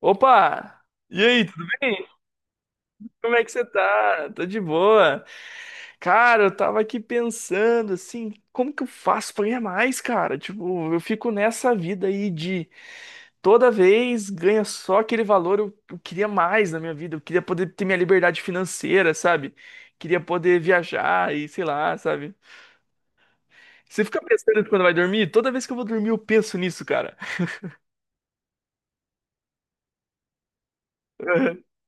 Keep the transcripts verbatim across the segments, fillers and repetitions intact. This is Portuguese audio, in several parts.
Opa! E aí, tudo bem? Como é que você tá? Tô de boa. Cara, eu tava aqui pensando assim, como que eu faço pra ganhar mais, cara? Tipo, eu fico nessa vida aí de toda vez ganha só aquele valor, eu, eu queria mais na minha vida, eu queria poder ter minha liberdade financeira, sabe? Queria poder viajar e sei lá, sabe? Você fica pensando quando vai dormir? Toda vez que eu vou dormir, eu penso nisso, cara.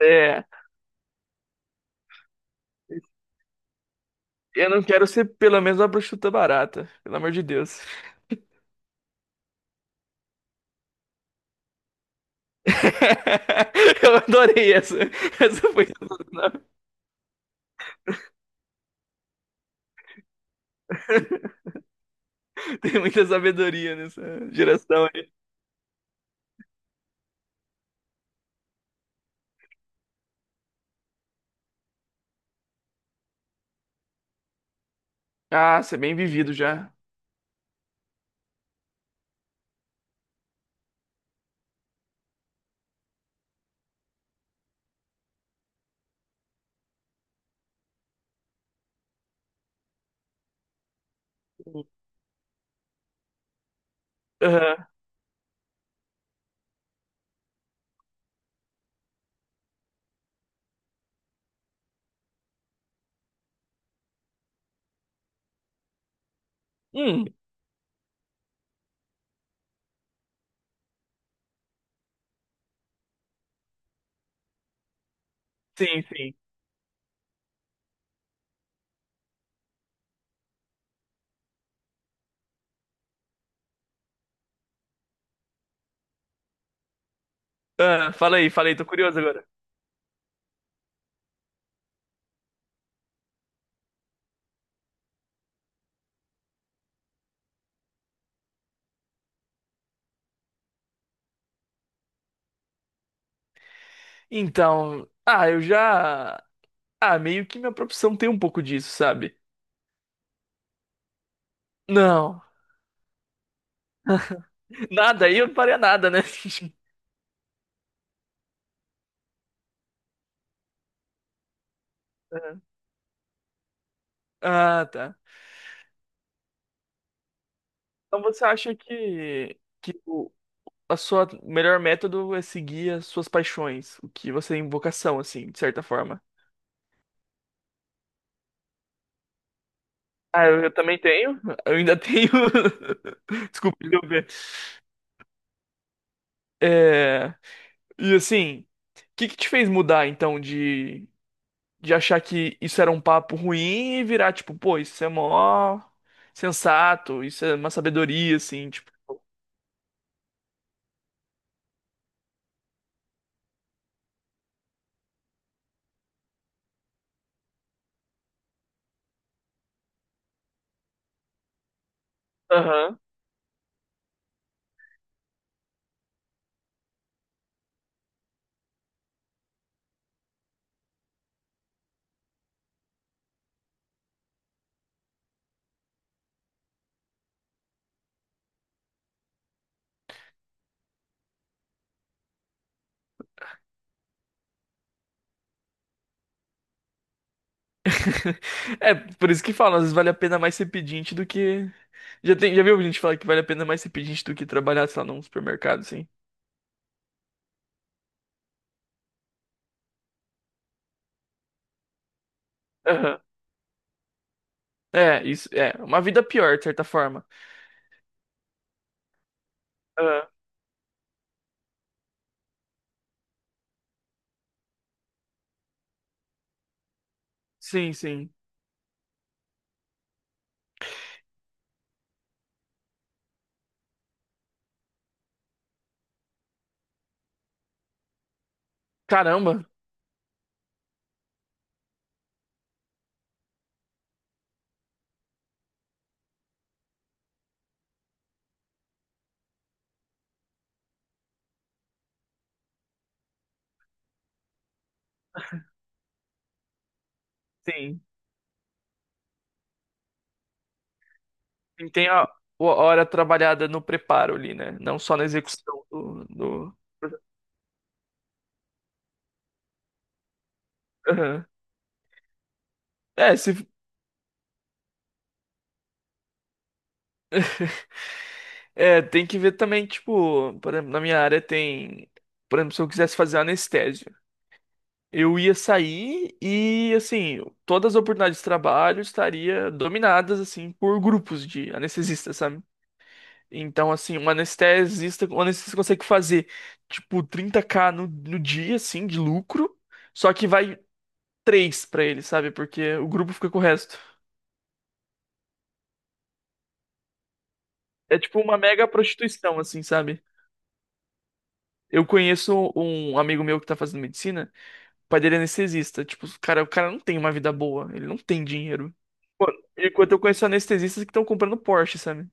É. Eu não quero ser pelo menos uma bruxuta barata, pelo amor de Deus. Eu adorei essa. Essa foi sensacional. Tem muita sabedoria nessa geração aí. Ah, você é bem vivido já. Aham. Hum, sim, sim. Ah, fala aí, fala aí, tô curioso agora. Então, ah, eu já. Ah, meio que minha profissão tem um pouco disso, sabe? Não, nada, aí eu não faria nada, né? Ah, tá. Então você acha que, que o a sua melhor método é seguir as suas paixões, o que você tem vocação, assim, de certa forma. Ah, eu, eu também tenho. Eu ainda tenho. Desculpa, deu ver. É... E assim, o que que te fez mudar, então, de, de achar que isso era um papo ruim e virar, tipo, pô, isso é mó sensato, isso é uma sabedoria, assim, tipo. Aham. É, por isso que falam, às vezes vale a pena mais ser pedinte do que. Já tem, já viu gente falar que vale a pena mais ser pedinte do que trabalhar, sei lá, num supermercado, assim? Aham. É, isso, é. Uma vida pior, de certa forma. Aham. Sim, sim. Caramba, sim. Sim, tem a, o- a hora trabalhada no preparo ali, né? Não só na execução do, do... Aham. É, se, é, tem que ver também, tipo, por exemplo, na minha área tem. Por exemplo, se eu quisesse fazer anestésio. Eu ia sair e, assim, todas as oportunidades de trabalho estaria dominadas, assim, por grupos de anestesistas, sabe? Então, assim, um anestesista, um anestesista consegue fazer, tipo, trinta ca no, no dia, assim, de lucro, só que vai três pra ele, sabe? Porque o grupo fica com o resto. É tipo uma mega prostituição, assim, sabe? Eu conheço um amigo meu que tá fazendo medicina. O pai dele é anestesista. Tipo, o cara, o cara não tem uma vida boa. Ele não tem dinheiro. Pô, enquanto eu conheço anestesistas que estão comprando Porsche, sabe?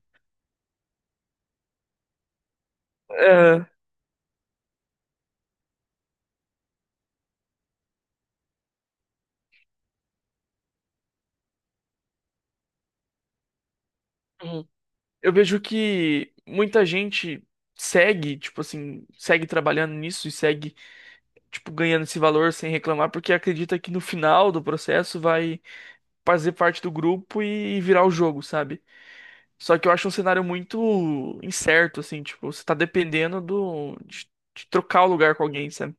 É, uhum. Eu vejo que muita gente segue, tipo assim, segue trabalhando nisso e segue, tipo, ganhando esse valor sem reclamar, porque acredita que no final do processo vai fazer parte do grupo e virar o jogo, sabe? Só que eu acho um cenário muito incerto, assim, tipo, você tá dependendo do, de, de trocar o lugar com alguém, sabe?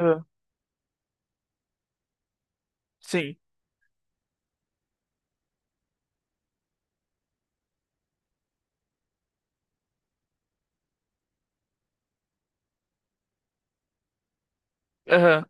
Aham. Sim. Aham.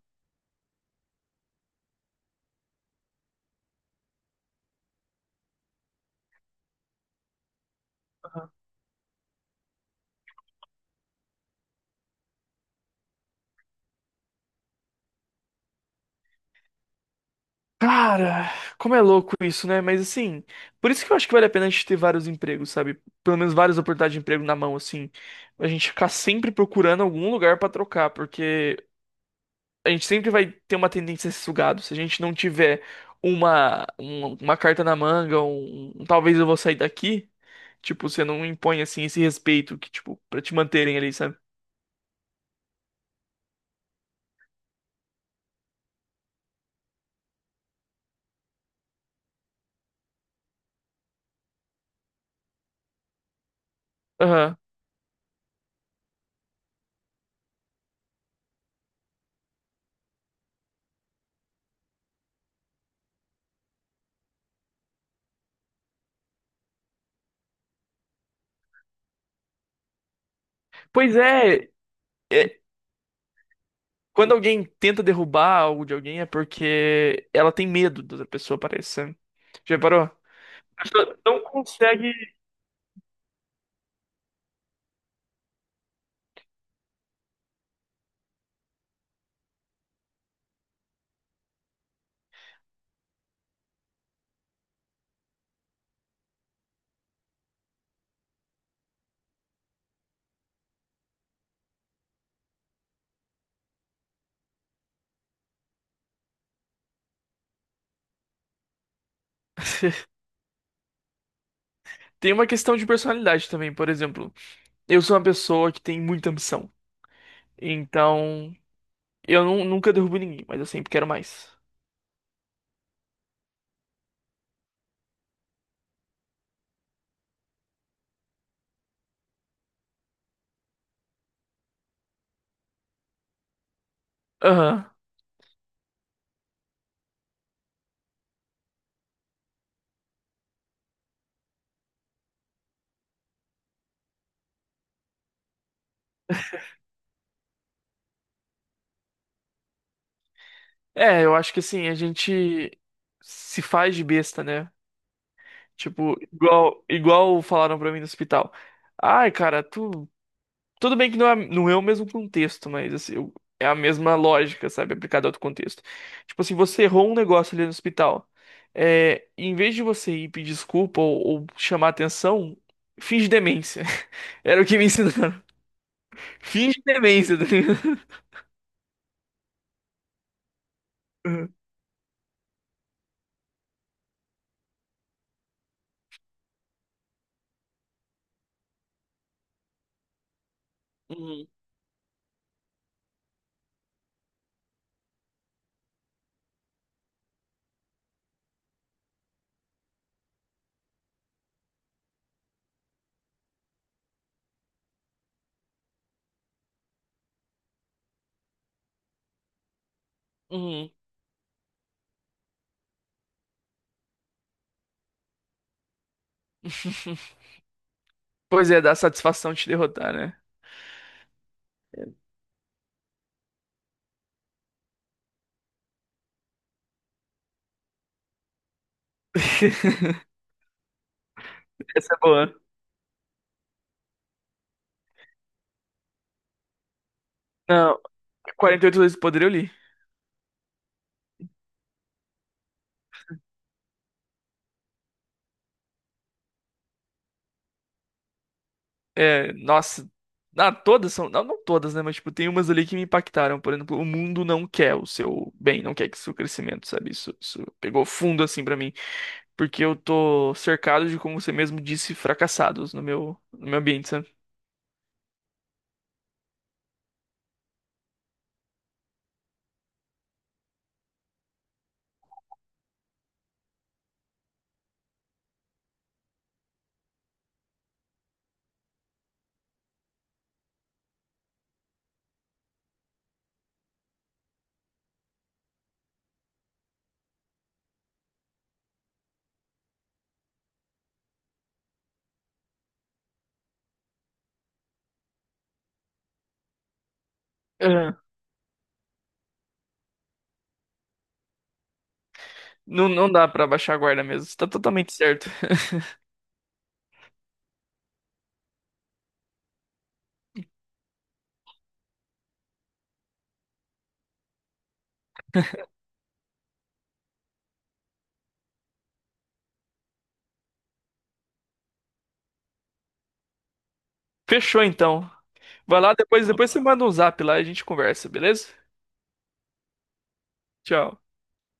Cara, como é louco isso, né? Mas assim, por isso que eu acho que vale a pena a gente ter vários empregos, sabe? Pelo menos várias oportunidades de emprego na mão, assim. A gente ficar sempre procurando algum lugar pra trocar, porque a gente sempre vai ter uma tendência a ser sugado. Se a gente não tiver uma, um- uma carta na manga, um, um talvez eu vou sair daqui, tipo, você não impõe assim esse respeito que, tipo, pra te manterem ali, sabe? Aham. Pois é, é, quando alguém tenta derrubar algo de alguém é porque ela tem medo da outra pessoa, parece. Já reparou? A pessoa não consegue. Tem uma questão de personalidade também, por exemplo. Eu sou uma pessoa que tem muita ambição. Então, eu nu- nunca derrubo ninguém, mas eu sempre quero mais. Aham. É, eu acho que assim, a gente se faz de besta, né? Tipo, igual, igual falaram pra mim no hospital. Ai, cara, tu. Tudo bem que não é, não é o mesmo contexto, mas assim, eu- é a mesma lógica, sabe? Aplicada a outro contexto. Tipo assim, você errou um negócio ali no hospital. É, em vez de você ir pedir desculpa ou, ou chamar atenção, finge demência. Era o que me ensinaram. Finge demência, tá ligado? Uhum, uhum. Uhum. Pois é, dá satisfação te derrotar, né? Essa é boa. Não, quarenta e oito vezes do poder eu li. É, nossa. Ah, todas são. Não, não todas, né? Mas, tipo, tem umas ali que me impactaram. Por exemplo, o mundo não quer o seu bem, não quer que seu crescimento, sabe? Isso, isso pegou fundo, assim, pra mim. Porque eu tô cercado de, como você mesmo disse, fracassados no meu, no meu ambiente, sabe? É. Não, não dá pra baixar a guarda mesmo. Você tá totalmente certo. Fechou, então. Vai lá, depois, depois você manda um zap lá e a gente conversa, beleza? Tchau.